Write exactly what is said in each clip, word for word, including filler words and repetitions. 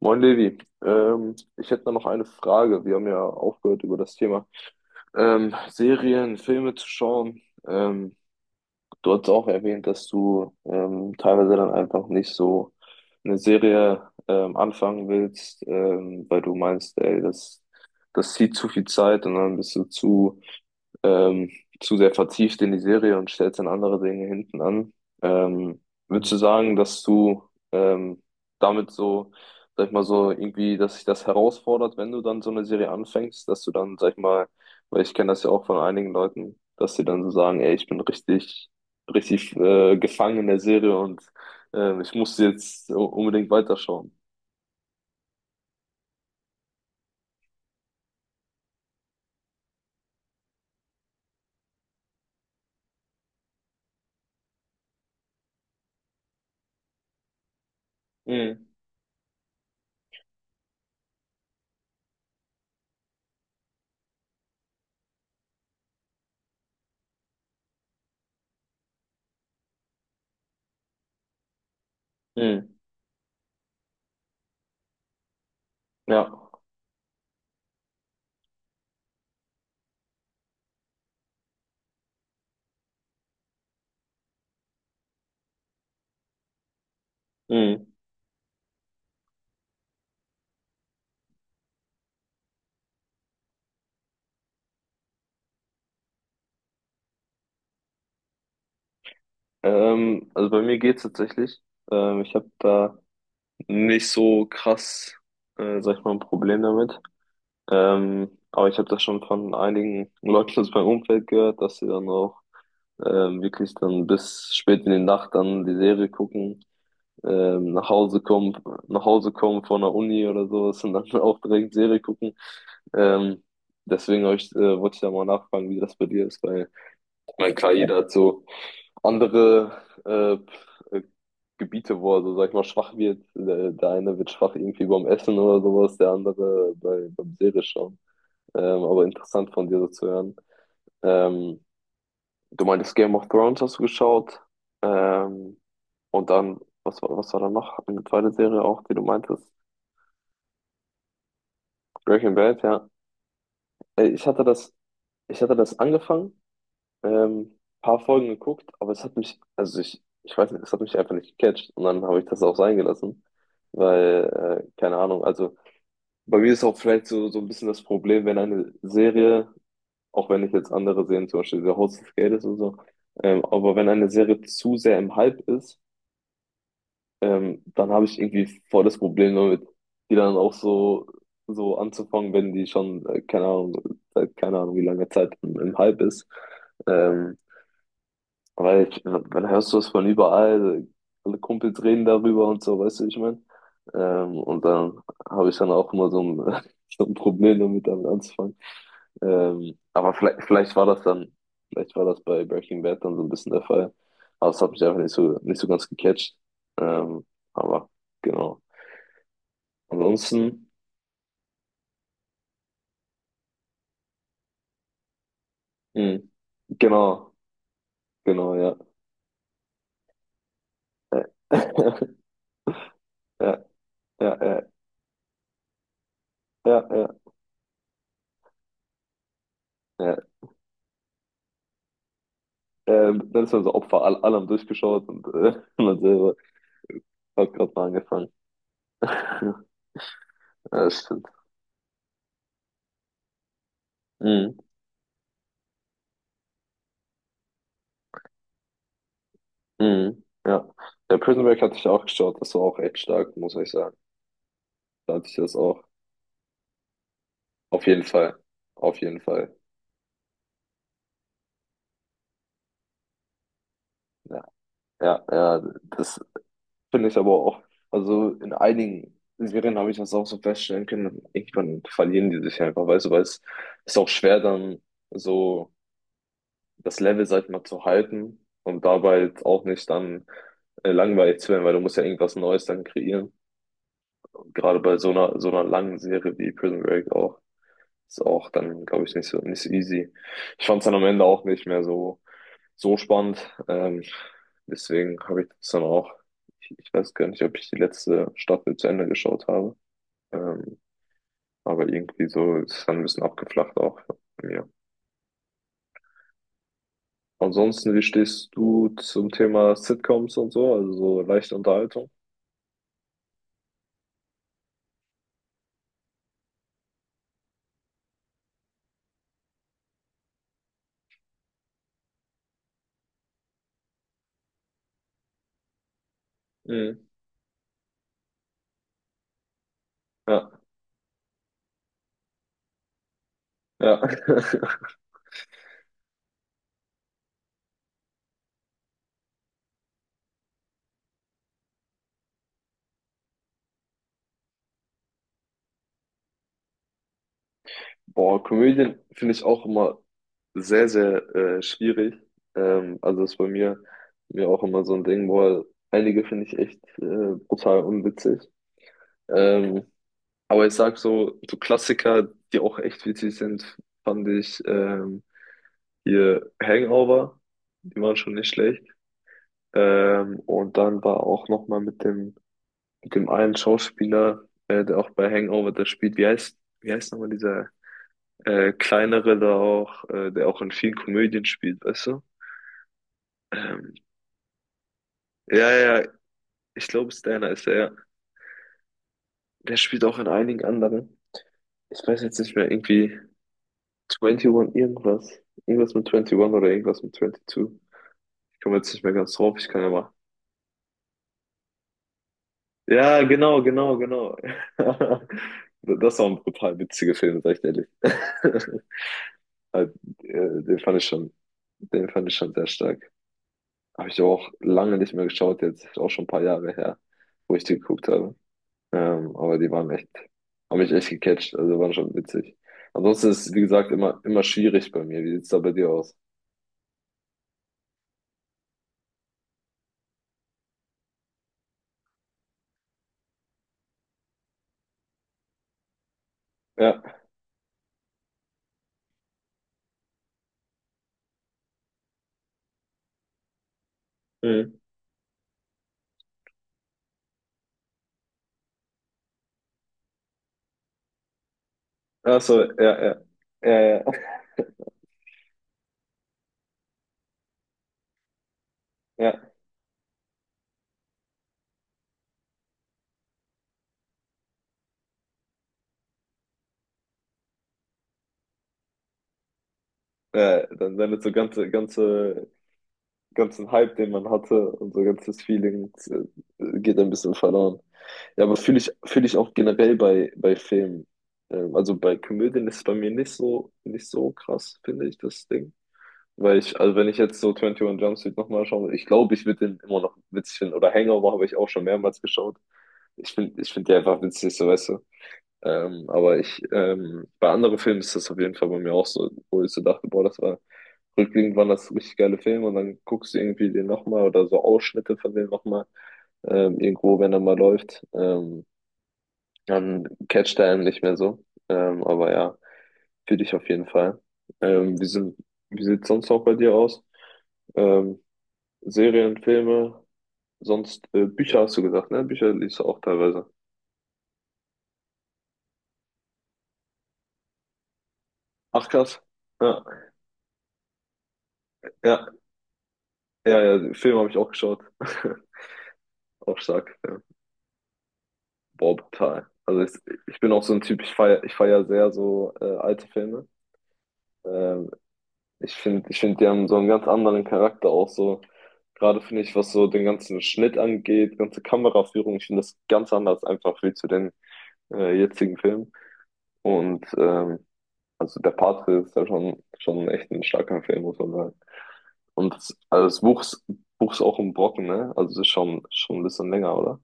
Moin Levi, ähm, ich hätte da noch eine Frage. Wir haben ja aufgehört über das Thema ähm, Serien, Filme zu schauen. Ähm, Du hast auch erwähnt, dass du ähm, teilweise dann einfach nicht so eine Serie ähm, anfangen willst, ähm, weil du meinst, ey, das, das zieht zu viel Zeit und dann bist du zu ähm, zu sehr vertieft in die Serie und stellst dann andere Dinge hinten an. Ähm, Würdest du sagen, dass du ähm, damit so, sag ich mal so, irgendwie, dass sich das herausfordert, wenn du dann so eine Serie anfängst, dass du dann, sag ich mal, weil ich kenne das ja auch von einigen Leuten, dass sie dann so sagen, ey, ich bin richtig, richtig äh, gefangen in der Serie und ähm, ich muss jetzt u- unbedingt weiterschauen. Mhm. Mhm. Ja. Mhm. Ähm, also bei mir geht's tatsächlich. Ähm, ich habe da nicht so krass, äh, sag ich mal, ein Problem damit. Ähm, aber ich habe das schon von einigen Leuten aus meinem Umfeld gehört, dass sie dann auch ähm, wirklich dann bis spät in die Nacht dann die Serie gucken, ähm, nach Hause kommen, nach Hause kommen von der Uni oder sowas und dann auch direkt Serie gucken. Ähm, deswegen hab ich, äh, wollte ich da mal nachfragen, wie das bei dir ist, weil mein klar, jeder hat so andere äh, äh, Gebiete, wo er so, sag ich mal, schwach wird. Der, der eine wird schwach irgendwie beim Essen oder sowas, der andere bei, beim Serie schauen. Ähm, aber interessant von dir so zu hören. Ähm, Du meintest Game of Thrones hast du geschaut. Ähm, und dann, was war, was war da noch? Eine zweite Serie auch, die du meintest. Breaking Bad, ja. Äh, Ich hatte das, ich hatte das angefangen. Ähm, paar Folgen geguckt, aber es hat mich, also ich, ich weiß nicht, es hat mich einfach nicht gecatcht und dann habe ich das auch sein gelassen, weil, äh, keine Ahnung, also bei mir ist auch vielleicht so, so ein bisschen das Problem, wenn eine Serie, auch wenn ich jetzt andere Serien, zum Beispiel The House of Cards und so, ähm, aber wenn eine Serie zu sehr im Hype ist, ähm, dann habe ich irgendwie voll das Problem damit, die dann auch so, so anzufangen, wenn die schon, äh, keine Ahnung, seit keine Ahnung, wie lange Zeit im, im Hype ist. Ähm, Weil ich, dann hörst du es von überall, alle Kumpels reden darüber und so, weißt du, wie ich meine? Ähm, und dann habe ich dann auch immer so ein, so ein Problem damit, damit anzufangen. Ähm, aber vielleicht, vielleicht war das dann, vielleicht war das bei Breaking Bad dann so ein bisschen der Fall. Aber es hat mich einfach nicht so, nicht so ganz gecatcht. Ähm, aber genau. Ansonsten, mh, genau, genau, ja. Ja, ja, ja, ja, ja, ja. Ähm, dann ist man so Opfer all, allem durchgeschaut und äh, man selber. Hat gerade mal angefangen. Ja, das stimmt. Mhm. Mhm. Ja. Der Prison Break hatte ich auch geschaut. Das war auch echt stark, muss ich sagen. Da hatte ich das auch. Auf jeden Fall. Auf jeden Fall. Ja, ja, ja. Das finde ich aber auch. Also in einigen Serien habe ich das auch so feststellen können. Irgendwann verlieren die sich einfach, weißt du, weil es ist auch schwer, dann so das Level, sag ich mal, zu halten und dabei jetzt auch nicht dann äh, langweilig zu werden, weil du musst ja irgendwas Neues dann kreieren. Gerade bei so einer, so einer langen Serie wie Prison Break auch, ist auch dann, glaube ich, nicht so, nicht so easy. Ich fand es dann am Ende auch nicht mehr so, so spannend. Ähm, deswegen habe ich das dann auch, ich, ich weiß gar nicht, ob ich die letzte Staffel zu Ende geschaut habe. Ähm, aber irgendwie so ist es dann ein bisschen abgeflacht auch bei mir. Ansonsten, wie stehst du zum Thema Sitcoms und so, also so leichte Unterhaltung? Mhm. Ja, ja. Boah, Komödien finde ich auch immer sehr, sehr äh, schwierig. Ähm, also ist bei mir, mir auch immer so ein Ding, boah, einige finde ich echt äh, brutal unwitzig. Ähm, aber ich sag so, so Klassiker, die auch echt witzig sind, fand ich ähm, hier Hangover, die waren schon nicht schlecht. Ähm, und dann war auch nochmal mit dem, mit dem einen Schauspieler, äh, der auch bei Hangover das spielt, wie heißt, wie heißt nochmal dieser äh, kleinere da auch, äh, der auch in vielen Komödien spielt, weißt du? Ähm, ja, ja, ja, ich glaube, Stanner ist er. Ja. Der spielt auch in einigen anderen. Ich weiß jetzt nicht mehr, irgendwie einundzwanzig irgendwas. Irgendwas mit einundzwanzig oder irgendwas mit zweiundzwanzig. Ich komme jetzt nicht mehr ganz drauf, ich kann ja mal. Ja, genau, genau, genau. Das war ein brutal witziger Film, sag ich dir ehrlich. Halt, äh, Den fand ich schon, den fand ich schon sehr stark. Habe ich so auch lange nicht mehr geschaut, jetzt ist auch schon ein paar Jahre her, wo ich die geguckt habe. Ähm, aber die waren echt, haben mich echt gecatcht, also waren schon witzig. Ansonsten ist es, wie gesagt, immer, immer schwierig bei mir. Wie sieht's da bei dir aus? Ja. Mhm. Ach so, ja, ja. Ja, ja, ja. Ja, dann deine so ganze, ganze ganzen Hype, den man hatte, und so ganzes Feeling äh, geht ein bisschen verloren. Ja, aber fühle ich, fühle ich auch generell bei, bei Filmen. Ähm, also bei Komödien ist es bei mir nicht so, nicht so krass, finde ich, das Ding. Weil ich, also wenn ich jetzt so einundzwanzig Jump Street nochmal schaue, ich glaube, ich würde den immer noch witzig finden. Oder Hangover habe ich auch schon mehrmals geschaut. Ich finde, ich finde die einfach witzig, so weißt du. Ähm, aber ich, ähm, bei anderen Filmen ist das auf jeden Fall bei mir auch so, wo ich so dachte, boah, das war rückblickend waren das richtig geile Filme und dann guckst du irgendwie den nochmal oder so Ausschnitte von dem nochmal ähm, irgendwo, wenn er mal läuft, ähm, dann catcht er einen nicht mehr so. Ähm, aber ja, für dich auf jeden Fall. Ähm, wie sind, wie sieht's sonst auch bei dir aus? Ähm, Serien, Filme, sonst äh, Bücher hast du gesagt, ne? Bücher liest du auch teilweise. Ach krass. Ja, ja, ja, ja, Filme habe ich auch geschaut. Auch stark. Boah, brutal. Also ich, ich bin auch so ein Typ, ich feier, ich feier sehr so äh, alte Filme. Ähm, ich finde, ich finde, die haben so einen ganz anderen Charakter auch so. Gerade finde ich, was so den ganzen Schnitt angeht, ganze Kameraführung, ich finde das ganz anders einfach wie zu den äh, jetzigen Filmen. Und ähm, also der Pate ist ja schon, schon echt ein starker Film, muss man sagen. Und das, also das Buch ist, Buch ist auch ein Brocken, ne? Also es ist schon, schon ein bisschen länger, oder?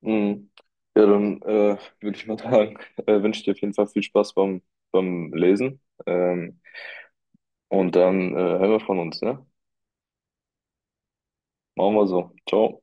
Mhm. Ja, dann äh, würde ich mal sagen, äh, wünsche dir auf jeden Fall viel Spaß beim, beim Lesen. Ähm, und dann äh, hören wir von uns, ne? Machen wir so. Ciao.